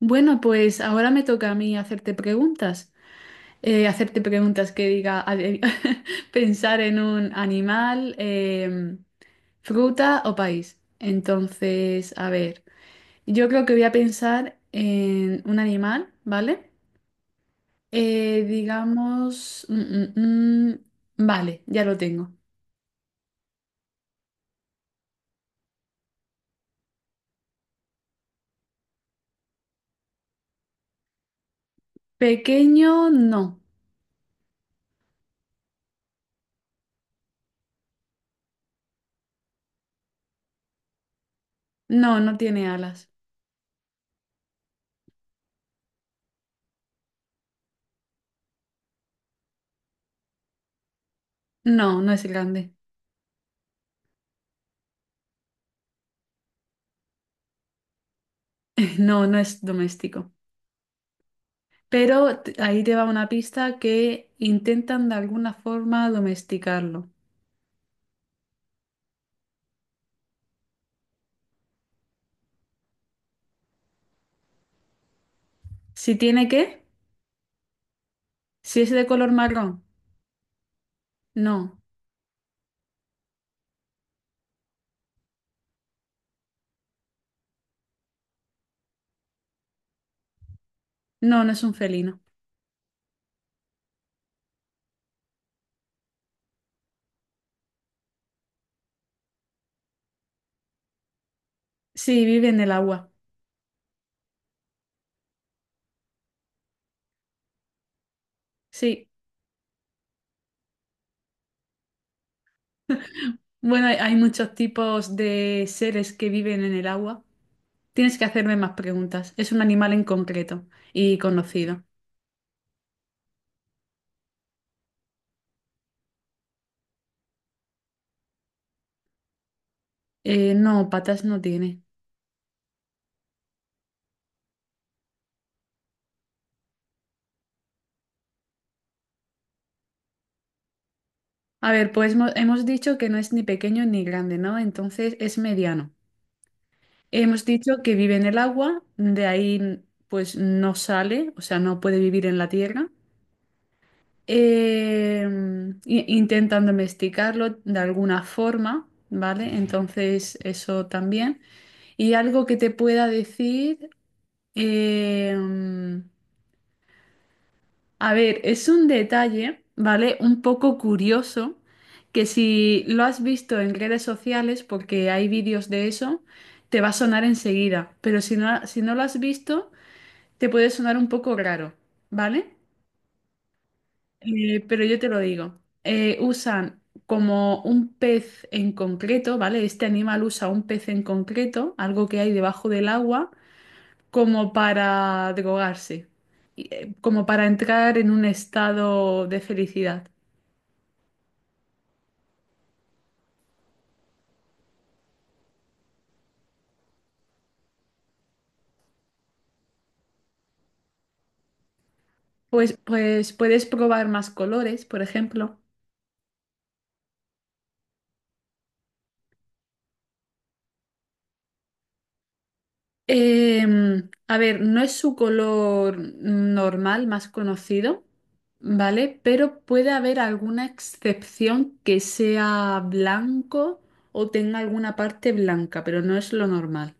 Bueno, pues ahora me toca a mí hacerte preguntas. Hacerte preguntas que diga pensar en un animal, fruta o país. Entonces, a ver, yo creo que voy a pensar en un animal, ¿vale? Digamos, vale, ya lo tengo. Pequeño, no. No, no tiene alas. No, no es grande. No, no es doméstico. Pero ahí te va una pista que intentan de alguna forma domesticarlo. Si tiene qué, si es de color marrón, no, no, no es un felino. Sí, vive en el agua. Sí. Bueno, hay muchos tipos de seres que viven en el agua. Tienes que hacerme más preguntas. Es un animal en concreto y conocido. No, patas no tiene. A ver, pues hemos dicho que no es ni pequeño ni grande, ¿no? Entonces es mediano. Hemos dicho que vive en el agua, de ahí pues no sale, o sea, no puede vivir en la tierra. Eh, intentan domesticarlo de alguna forma, ¿vale? Entonces eso también. Y algo que te pueda decir, eh, a ver, es un detalle, ¿vale? Un poco curioso, que si lo has visto en redes sociales, porque hay vídeos de eso, te va a sonar enseguida, pero si no lo has visto, te puede sonar un poco raro, ¿vale? Pero yo te lo digo. Usan como un pez en concreto, ¿vale? Este animal usa un pez en concreto, algo que hay debajo del agua, como para drogarse, y, como para entrar en un estado de felicidad. Pues, puedes probar más colores, por ejemplo. A ver, no es su color normal más conocido, ¿vale? Pero puede haber alguna excepción que sea blanco o tenga alguna parte blanca, pero no es lo normal.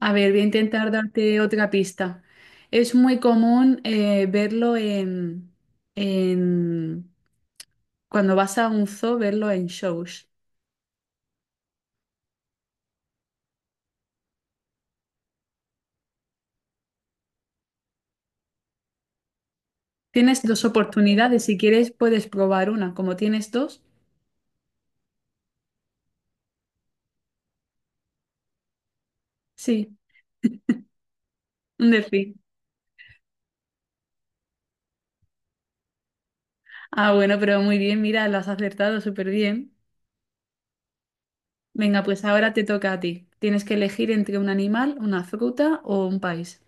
A ver, voy a intentar darte otra pista. Es muy común, verlo en... cuando vas a un zoo, verlo en shows. Tienes dos oportunidades. Si quieres, puedes probar una. Como tienes dos, sí, un delfín. Ah, bueno, pero muy bien, mira, lo has acertado súper bien. Venga, pues ahora te toca a ti. Tienes que elegir entre un animal, una fruta o un país.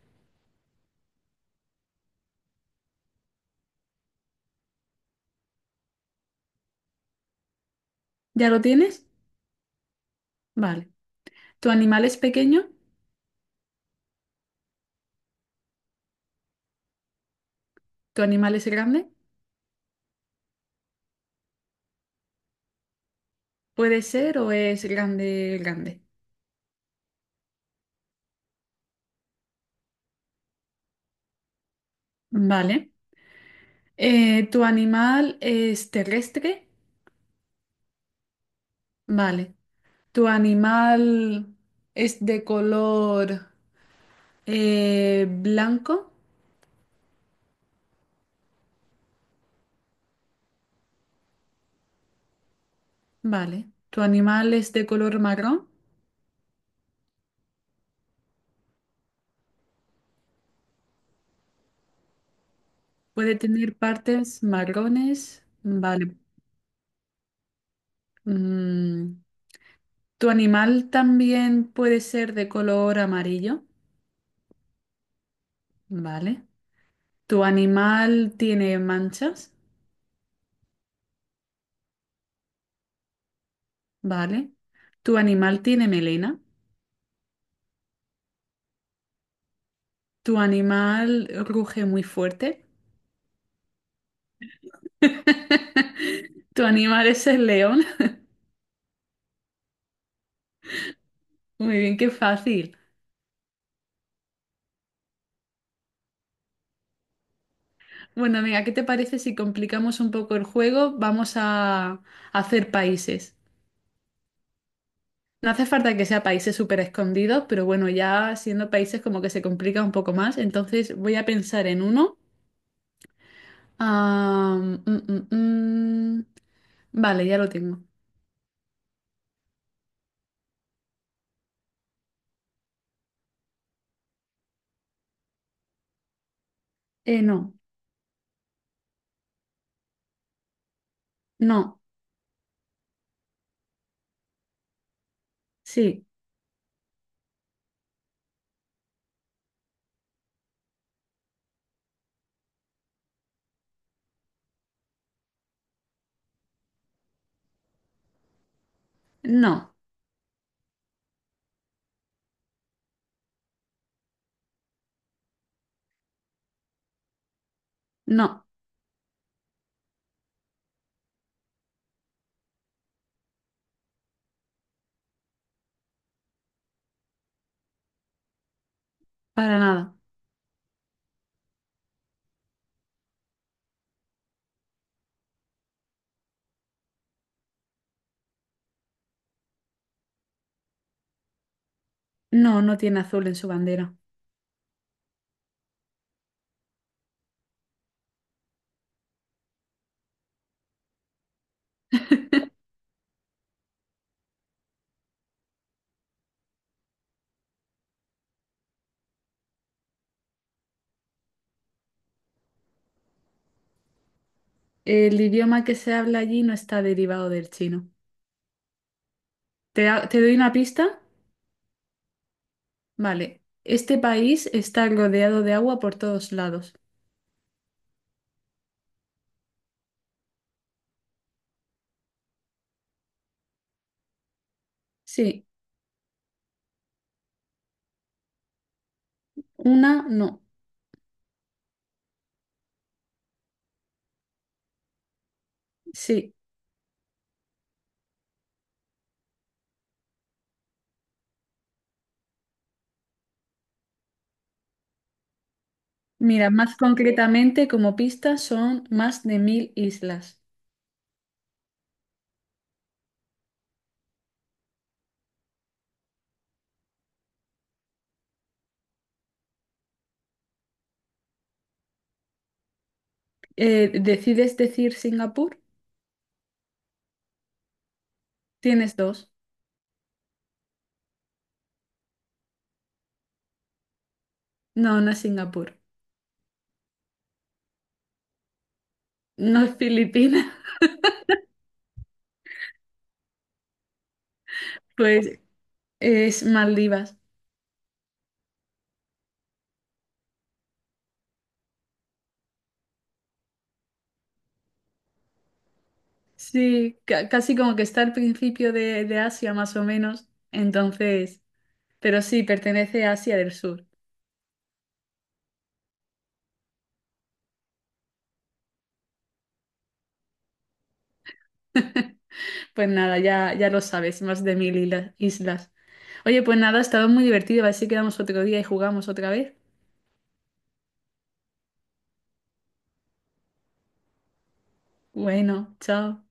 ¿Ya lo tienes? Vale. ¿Tu animal es pequeño? ¿Tu animal es grande? ¿Puede ser o es grande, grande? Vale. ¿Tu animal es terrestre? Vale. ¿Tu animal es de color blanco? Vale. ¿Tu animal es de color marrón? Puede tener partes marrones. Vale. Mm, ¿Tu animal también puede ser de color amarillo? Vale. ¿Tu animal tiene manchas? Vale. ¿Tu animal tiene melena? ¿Tu animal ruge muy fuerte? ¿Tu animal es el león? Muy bien, qué fácil. Bueno, amiga, ¿qué te parece si complicamos un poco el juego? Vamos a hacer países. No hace falta que sea países súper escondidos, pero bueno, ya siendo países como que se complica un poco más. Entonces voy a pensar en uno. Ah, mm, mm, mm. Vale, ya lo tengo. No, no, sí, no, no, para nada. No, no tiene azul en su bandera. El idioma que se habla allí no está derivado del chino. ¿Te doy una pista? Vale. Este país está rodeado de agua por todos lados. Sí, una, no. Sí. Mira, más concretamente, como pista, son más de 1.000 islas. ¿Decides decir Singapur? Tienes dos. No, no es Singapur. No es Filipinas, pues es Maldivas. Sí, casi como que está al principio de, Asia, más o menos. Entonces, pero sí, pertenece a Asia del Sur. Pues nada, ya, ya lo sabes, más de 1.000 islas. Oye, pues nada, ha estado muy divertido. A ver si quedamos otro día y jugamos otra vez. Bueno, chao.